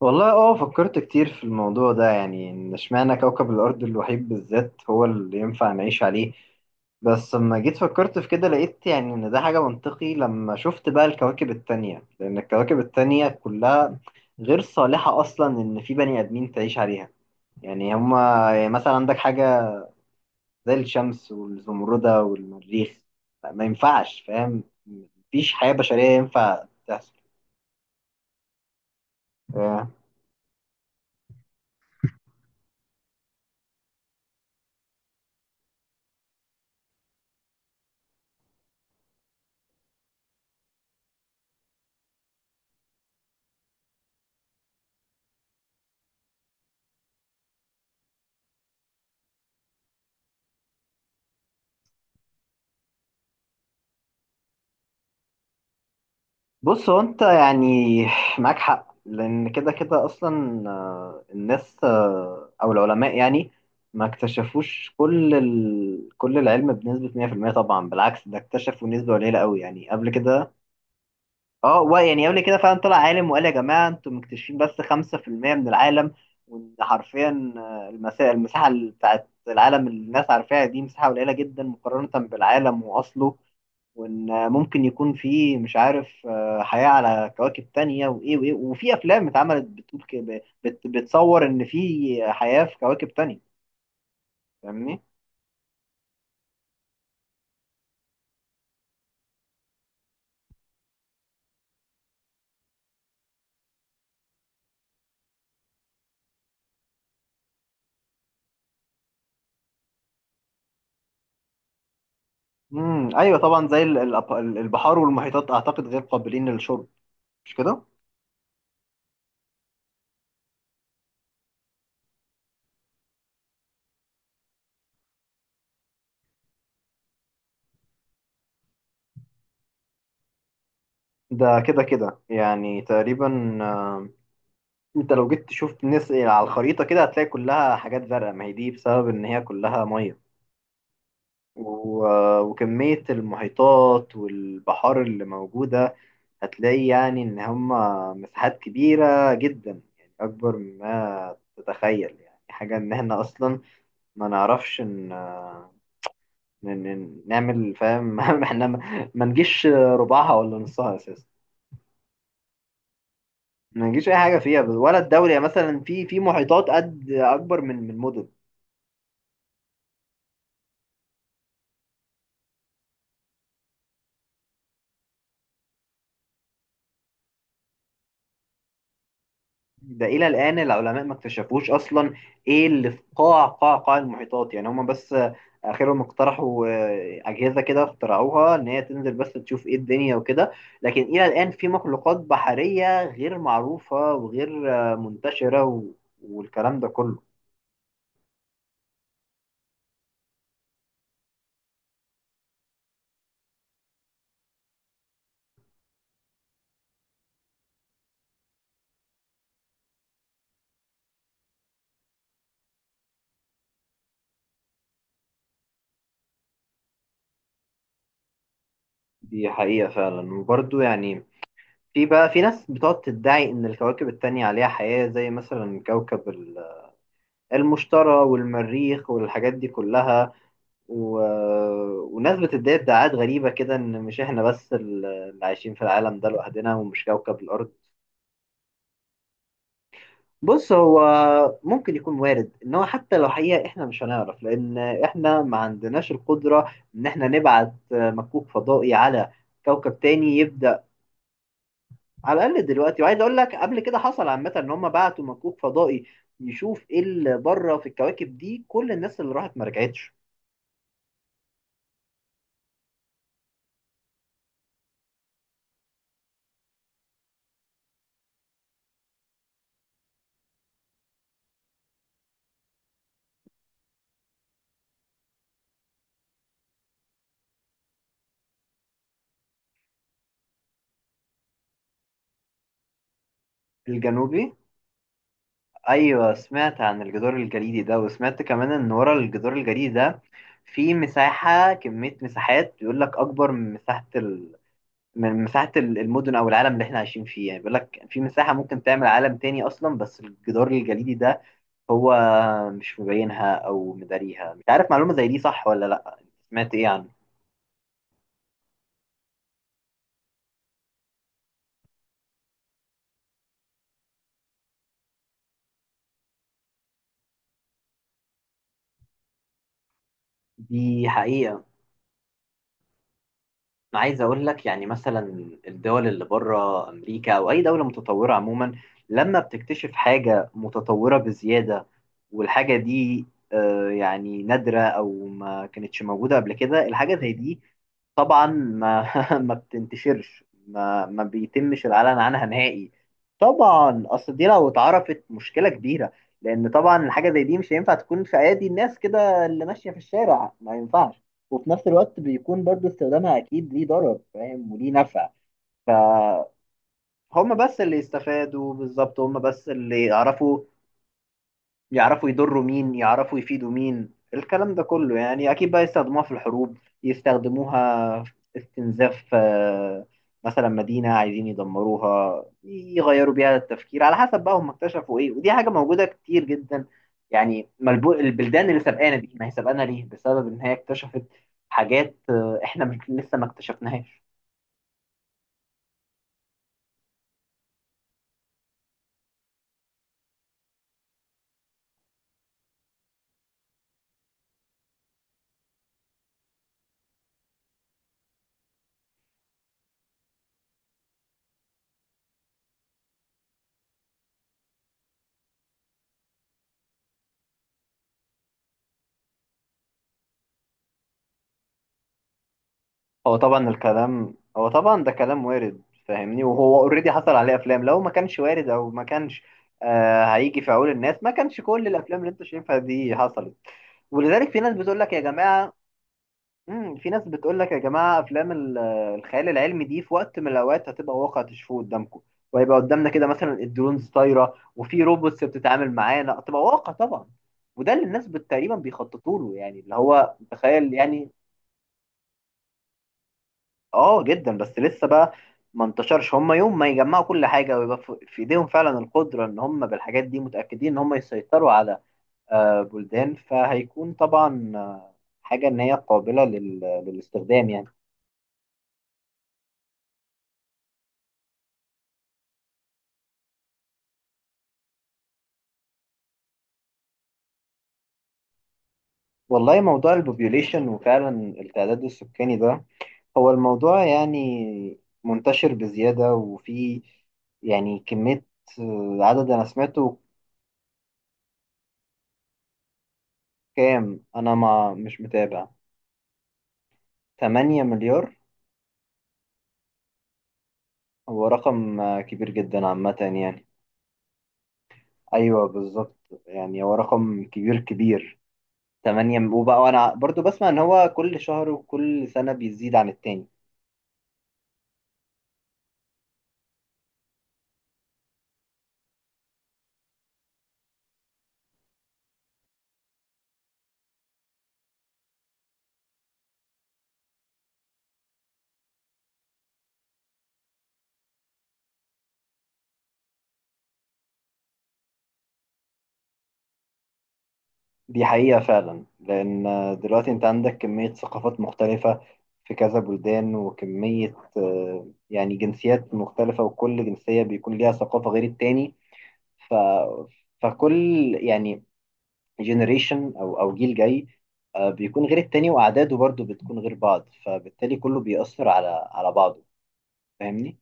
والله اه فكرت كتير في الموضوع ده، يعني ان اشمعنى كوكب الارض الوحيد بالذات هو اللي ينفع نعيش عليه. بس لما جيت فكرت في كده لقيت يعني ان ده حاجة منطقي، لما شفت بقى الكواكب التانية، لان الكواكب التانية كلها غير صالحة اصلا ان في بني ادمين تعيش عليها. يعني هما يعني مثلا عندك حاجة زي الشمس والزمردة والمريخ، ما ينفعش. فاهم؟ مفيش حياة بشرية ينفع تحصل. بص، هو انت يعني معاك حق. لان كده كده اصلا الناس، او العلماء، يعني ما اكتشفوش كل العلم بنسبة 100% طبعا. بالعكس، ده اكتشفوا نسبة قليلة قوي يعني قبل كده. يعني قبل كده فعلا طلع عالم وقال: يا جماعة انتم مكتشفين بس 5% من العالم. وان حرفيا، المساحة بتاعت العالم اللي الناس عارفاها دي مساحة قليلة جدا مقارنة بالعالم واصله. وان ممكن يكون في، مش عارف، حياة على كواكب تانية وايه وايه. وفي افلام اتعملت بتقول كده، بتصور ان في حياة في كواكب تانية، فاهمني؟ ايوه طبعا، زي البحار والمحيطات، اعتقد غير قابلين للشرب، مش كده؟ ده كده كده يعني تقريبا، انت لو جيت تشوف الناس على الخريطة كده هتلاقي كلها حاجات زرقاء، ما هي دي بسبب ان هي كلها مية. و- وكمية المحيطات والبحار اللي موجودة، هتلاقي يعني إن هما مساحات كبيرة جدا، يعني أكبر مما تتخيل. يعني حاجة إن إحنا أصلا ما نعرفش إن، نعمل، فاهم؟ إحنا ما نجيش ربعها ولا نصها أساسا. ما نجيش أي حاجة فيها ولا الدولة، يعني مثلا في محيطات قد أكبر من مدن. ده إلى الآن العلماء ما اكتشفوش أصلا إيه اللي في قاع المحيطات. يعني هما بس آخرهم اقترحوا، أجهزة كده اخترعوها إن هي تنزل بس تشوف إيه الدنيا وكده. لكن إلى الآن في مخلوقات بحرية غير معروفة وغير، منتشرة والكلام ده كله. دي حقيقة فعلا. وبرضه يعني، في ناس بتقعد تدعي إن الكواكب التانية عليها حياة، زي مثلا كوكب المشتري والمريخ والحاجات دي كلها. و... وناس بتدعي ادعاءات غريبة كده، إن مش إحنا بس اللي عايشين في العالم ده لوحدنا، ومش كوكب الأرض. بص، هو ممكن يكون وارد إن هو حتى لو حقيقة إحنا مش هنعرف، لأن إحنا ما عندناش القدرة إن إحنا نبعت مكوك فضائي على كوكب تاني يبدأ. على الأقل دلوقتي، وعايز أقول لك قبل كده حصل عامة إن هم بعتوا مكوك فضائي يشوف إيه اللي بره في الكواكب دي، كل الناس اللي راحت ما رجعتش. الجنوبي. ايوه، سمعت عن الجدار الجليدي ده، وسمعت كمان ان ورا الجدار الجليدي ده في مساحة، كمية مساحات بيقول لك اكبر من مساحة من مساحة المدن او العالم اللي احنا عايشين فيه. يعني بيقول لك في مساحة ممكن تعمل عالم تاني اصلا، بس الجدار الجليدي ده هو مش مبينها او مداريها. مش عارف، معلومة زي دي صح ولا لا؟ سمعت ايه عنه؟ دي حقيقة. انا عايز اقول لك، يعني مثلا الدول اللي بره امريكا او اي دوله متطوره عموما، لما بتكتشف حاجه متطوره بزياده، والحاجه دي يعني نادره، او ما كانتش موجوده قبل كده الحاجه زي دي، طبعا ما ما بتنتشرش، ما بيتمش الاعلان عنها نهائي. طبعا اصل دي لو اتعرفت مشكله كبيره، لان طبعا الحاجه زي دي مش هينفع تكون في ايادي الناس كده اللي ماشيه في الشارع، ما ينفعش. وفي نفس الوقت بيكون برضو استخدامها اكيد ليه ضرر، فاهم، وليه نفع. فهم. بس اللي استفادوا بالظبط هم بس اللي يعرفوا يضروا مين، يعرفوا يفيدوا مين، الكلام ده كله. يعني أكيد بقى يستخدموها في الحروب، يستخدموها في استنزاف، مثلا مدينة عايزين يدمروها، يغيروا بيها التفكير على حسب بقى هم اكتشفوا إيه. ودي حاجة موجودة كتير جدا. يعني البلدان اللي سبقانا دي، ما هي سبقانا ليه بسبب إن هي اكتشفت حاجات، إحنا لسه ما اكتشفناهاش. هو طبعا ده كلام وارد، فاهمني؟ وهو اوريدي حصل عليه افلام. لو ما كانش وارد او ما كانش هيجي في عقول الناس، ما كانش كل الافلام اللي انت شايفها دي حصلت. ولذلك في ناس بتقول لك: يا جماعه، افلام الخيال العلمي دي في وقت من الاوقات هتبقى واقع تشوفوه قدامكم، وهيبقى قدامنا كده مثلا الدرونز طايره، وفي روبوتس بتتعامل معانا، تبقى واقع طبعا. وده اللي الناس تقريبا بيخططوا له، يعني اللي هو تخيل يعني. اه جدا، بس لسه بقى ما انتشرش. هم يوم ما يجمعوا كل حاجه ويبقى في ايديهم فعلا القدره، ان هم بالحاجات دي متاكدين ان هم يسيطروا على، بلدان، فهيكون طبعا، حاجه ان هي قابله للاستخدام يعني. والله موضوع البوبيوليشن وفعلا التعداد السكاني ده، هو الموضوع يعني منتشر بزياده. وفي يعني كميه، عدد انا سمعته. كام؟ انا ما مش متابع. 8 مليار؟ هو رقم كبير جدا عامة يعني. أيوه بالظبط. يعني هو رقم كبير كبير، 8. وبقى، وأنا برضو بسمع إن هو كل شهر وكل سنة بيزيد عن التاني. دي حقيقة فعلا، لأن دلوقتي أنت عندك كمية ثقافات مختلفة في كذا بلدان، وكمية، يعني جنسيات مختلفة، وكل جنسية بيكون ليها ثقافة غير التاني. ف... فكل يعني جنريشن، او جيل جاي، بيكون غير التاني، واعداده برضو بتكون غير بعض، فبالتالي كله بيأثر على بعضه، فاهمني؟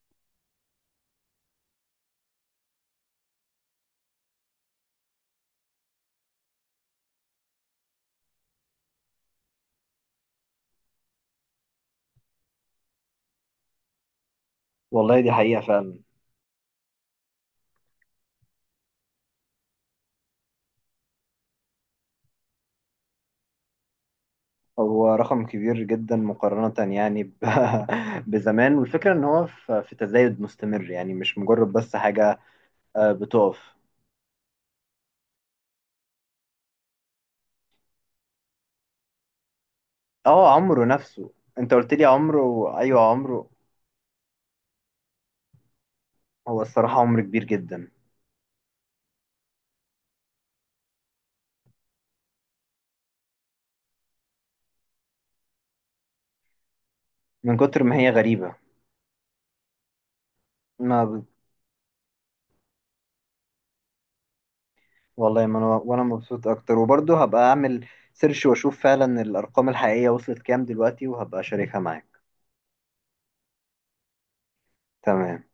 والله دي حقيقة فعلا. هو رقم كبير جدا مقارنة يعني بزمان. والفكرة ان هو في تزايد مستمر، يعني مش مجرد بس حاجة بتقف. اه، عمره نفسه. انت قلت لي عمره. ايوه، عمره. هو الصراحة عمر كبير جدا، من كتر ما هي غريبة. ما والله، ما انا وانا مبسوط اكتر، وبرضه هبقى اعمل سيرش واشوف فعلا الارقام الحقيقية وصلت كام دلوقتي، وهبقى اشاركها معاك. تمام.